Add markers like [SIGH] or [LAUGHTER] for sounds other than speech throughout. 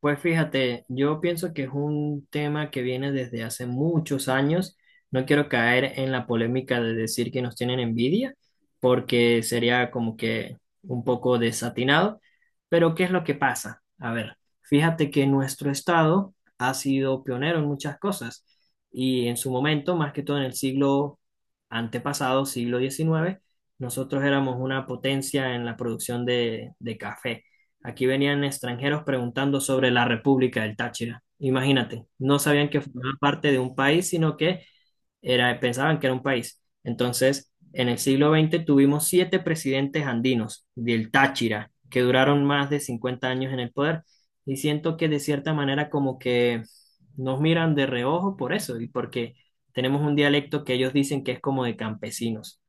Pues fíjate, yo pienso que es un tema que viene desde hace muchos años. No quiero caer en la polémica de decir que nos tienen envidia, porque sería como que un poco desatinado. Pero ¿qué es lo que pasa? A ver, fíjate que nuestro estado ha sido pionero en muchas cosas y, en su momento, más que todo en el siglo antepasado, siglo XIX, nosotros éramos una potencia en la producción de café. Aquí venían extranjeros preguntando sobre la República del Táchira. Imagínate, no sabían que formaba parte de un país, sino que era, pensaban que era un país. Entonces, en el siglo XX tuvimos siete presidentes andinos del Táchira, que duraron más de 50 años en el poder. Y siento que de cierta manera como que nos miran de reojo por eso, y porque tenemos un dialecto que ellos dicen que es como de campesinos.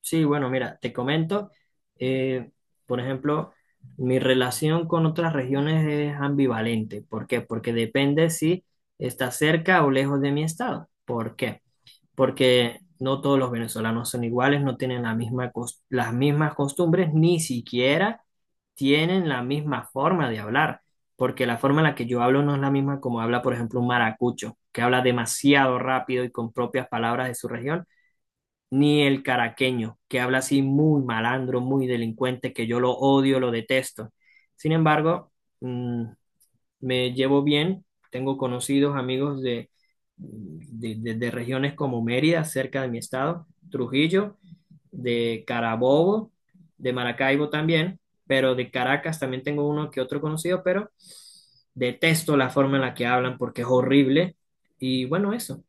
Sí, bueno, mira, te comento, eh, por ejemplo, mi relación con otras regiones es ambivalente. ¿Por qué? Porque depende si está cerca o lejos de mi estado. ¿Por qué? Porque no todos los venezolanos son iguales, no tienen la misma las mismas costumbres, ni siquiera tienen la misma forma de hablar, porque la forma en la que yo hablo no es la misma como habla, por ejemplo, un maracucho, que habla demasiado rápido y con propias palabras de su región, ni el caraqueño, que habla así muy malandro, muy delincuente, que yo lo odio, lo detesto. Sin embargo, mm, me llevo bien, tengo conocidos, amigos de, de regiones como Mérida, cerca de mi estado, Trujillo, de Carabobo, de Maracaibo también, pero de Caracas también tengo uno que otro conocido, pero detesto la forma en la que hablan porque es horrible. Y bueno, eso.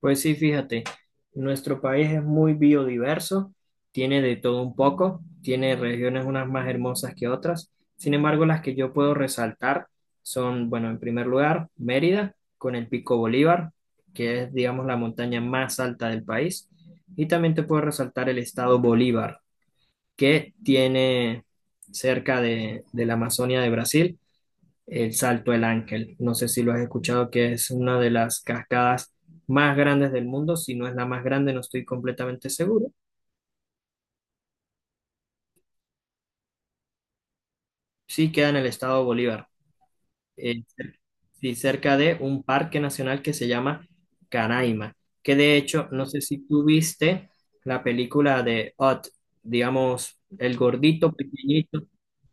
Pues sí, fíjate, nuestro país es muy biodiverso, tiene de todo un poco, tiene regiones unas más hermosas que otras. Sin embargo, las que yo puedo resaltar son, bueno, en primer lugar, Mérida, con el Pico Bolívar, que es, digamos, la montaña más alta del país. Y también te puedo resaltar el estado Bolívar, que tiene, cerca de la Amazonia de Brasil, el Salto del Ángel. No sé si lo has escuchado, que es una de las cascadas más grandes del mundo. Si no es la más grande, no estoy completamente seguro. Sí, queda en el estado de Bolívar, eh, cer- sí, cerca de un parque nacional que se llama Canaima, que de hecho, no sé si tú viste la película de Ott, digamos, el gordito pequeñito,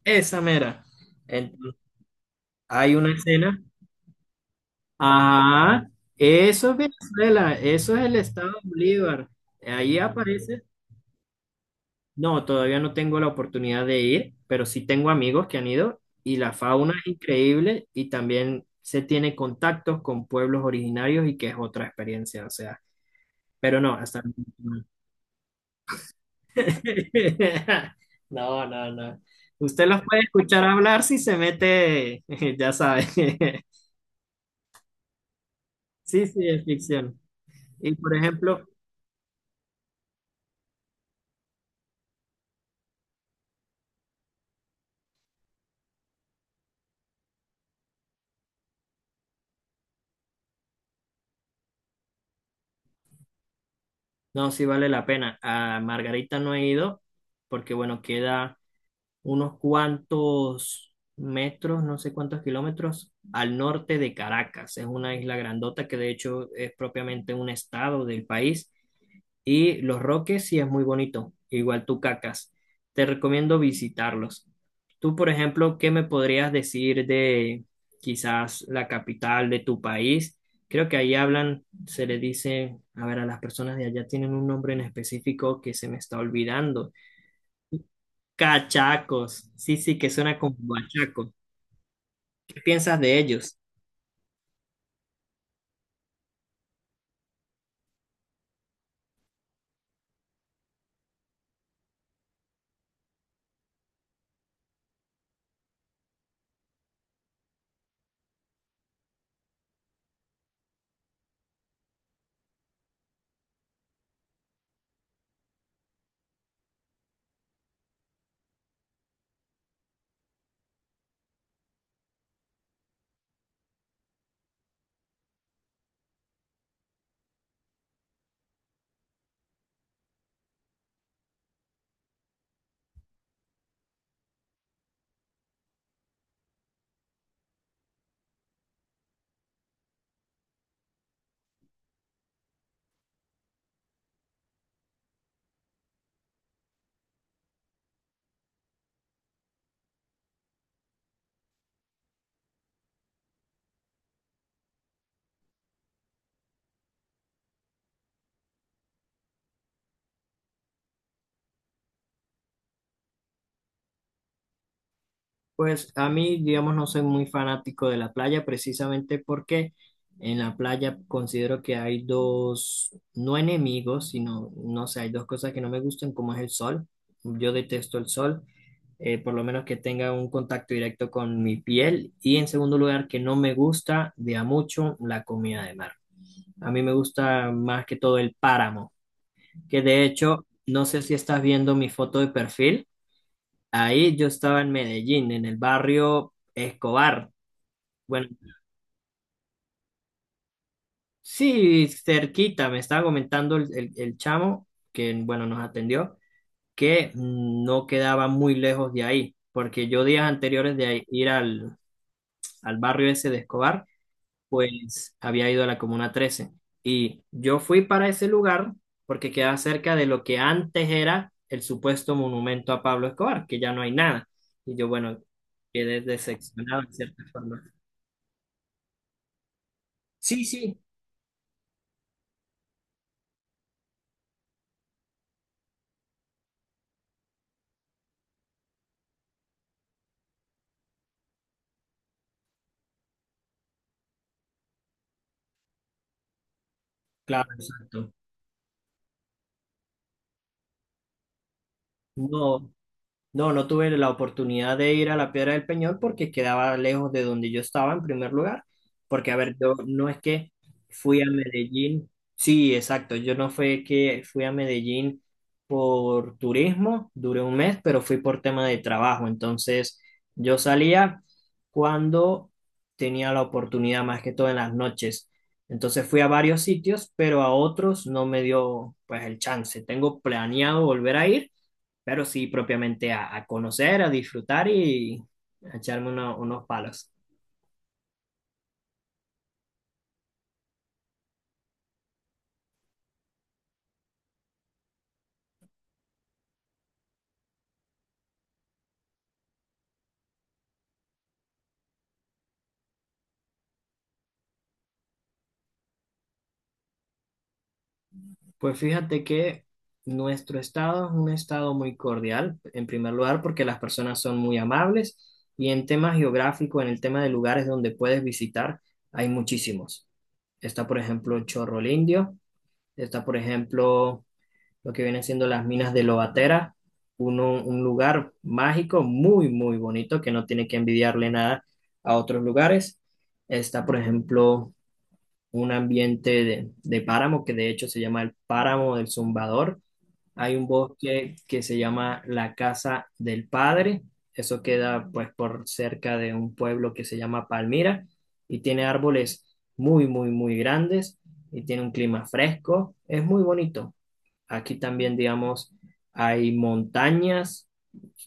esa mera. Entonces, hay una escena. Ah, eso es Venezuela, eso es el estado Bolívar. Ahí aparece. No, todavía no tengo la oportunidad de ir, pero sí tengo amigos que han ido y la fauna es increíble y también se tiene contactos con pueblos originarios y que es otra experiencia, o sea, pero no, hasta... [LAUGHS] No, no, no, no. Usted los puede escuchar hablar si se mete, [LAUGHS] ya sabe. [LAUGHS] Sí, sí, es ficción. Y por ejemplo, no, sí vale la pena. A Margarita no he ido porque, bueno, queda unos cuantos metros, no sé cuántos kilómetros, al norte de Caracas. Es una isla grandota que de hecho es propiamente un estado del país, y Los Roques sí es muy bonito, igual Tucacas. Te recomiendo visitarlos. Tú, por ejemplo, ¿qué me podrías decir de quizás la capital de tu país? Creo que ahí hablan, se le dice, a ver, a las personas de allá tienen un nombre en específico que se me está olvidando. Cachacos. Sí, sí, que suena como bachaco. ¿Qué piensas de ellos? Pues a mí, digamos, no soy muy fanático de la playa, precisamente porque en la playa considero que hay dos, no enemigos, sino, no sé, hay dos cosas que no me gustan, como es el sol. Yo detesto el sol, por lo menos que tenga un contacto directo con mi piel. Y en segundo lugar, que no me gusta de a mucho la comida de mar. A mí me gusta más que todo el páramo, que de hecho, no sé si estás viendo mi foto de perfil. Ahí yo estaba en Medellín, en el barrio Escobar. Bueno, sí, cerquita, me estaba comentando el chamo que, bueno, nos atendió, que no quedaba muy lejos de ahí, porque yo días anteriores de ir al, al barrio ese de Escobar, pues había ido a la Comuna trece. Y yo fui para ese lugar porque quedaba cerca de lo que antes era el supuesto monumento a Pablo Escobar, que ya no hay nada. Y yo, bueno, quedé decepcionado en cierta forma. Sí, sí, claro, exacto. No, no, no tuve la oportunidad de ir a la Piedra del Peñol porque quedaba lejos de donde yo estaba en primer lugar. Porque, a ver, yo no es que fui a Medellín. Sí, exacto. Yo no fue que fui a Medellín por turismo, duré un mes, pero fui por tema de trabajo. Entonces, yo salía cuando tenía la oportunidad, más que todo en las noches. Entonces fui a varios sitios, pero a otros no me dio pues el chance. Tengo planeado volver a ir, pero sí propiamente a conocer, a disfrutar y a echarme unos palos. Pues fíjate que nuestro estado es un estado muy cordial, en primer lugar, porque las personas son muy amables, y en tema geográfico, en el tema de lugares donde puedes visitar, hay muchísimos. Está, por ejemplo, Chorro Indio, está, por ejemplo, lo que vienen siendo las minas de Lobatera, un lugar mágico muy, muy bonito que no tiene que envidiarle nada a otros lugares. Está, por ejemplo, un ambiente de páramo que de hecho se llama el Páramo del Zumbador. Hay un bosque que se llama la Casa del Padre. Eso queda pues por cerca de un pueblo que se llama Palmira y tiene árboles muy, muy, muy grandes y tiene un clima fresco. Es muy bonito. Aquí también, digamos, hay montañas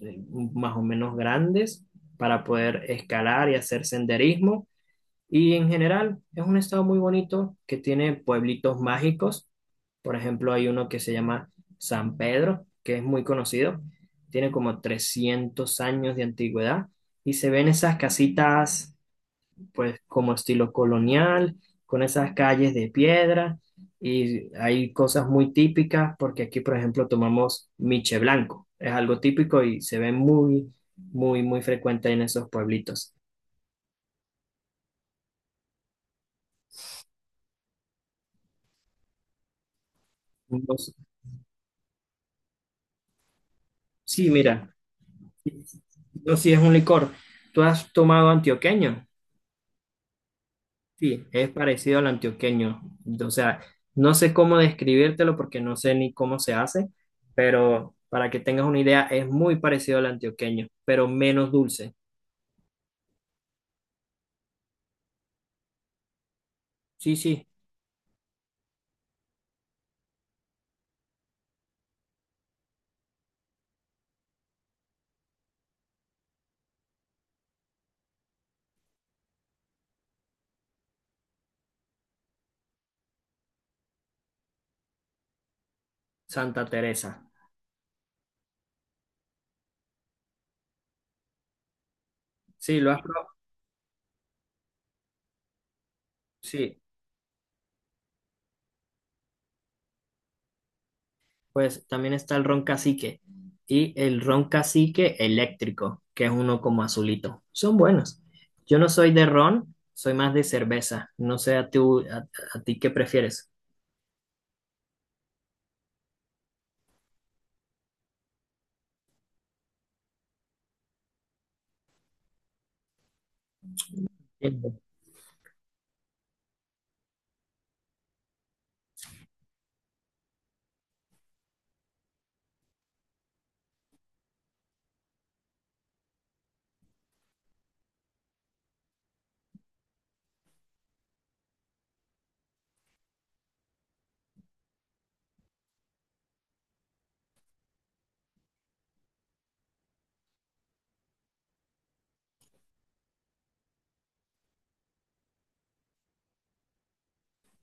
eh, más o menos grandes para poder escalar y hacer senderismo. Y en general es un estado muy bonito que tiene pueblitos mágicos. Por ejemplo, hay uno que se llama San Pedro, que es muy conocido. Tiene como 300 años de antigüedad y se ven esas casitas pues como estilo colonial, con esas calles de piedra, y hay cosas muy típicas porque aquí, por ejemplo, tomamos miche blanco. Es algo típico y se ve muy, muy, muy frecuente en esos pueblitos. No sé... Sí, mira, no, sí es un licor. ¿Tú has tomado antioqueño? Sí, es parecido al antioqueño. O sea, no sé cómo describírtelo porque no sé ni cómo se hace, pero para que tengas una idea, es muy parecido al antioqueño, pero menos dulce. Sí, sí, Santa Teresa. Sí, lo has probado. Sí, pues también está el ron cacique y el ron cacique eléctrico, que es uno como azulito. Son buenos. Yo no soy de ron, soy más de cerveza. No sé a tú, a ti qué prefieres. Bien.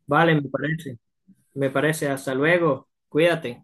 Vale, me parece. Me parece. Hasta luego. Cuídate.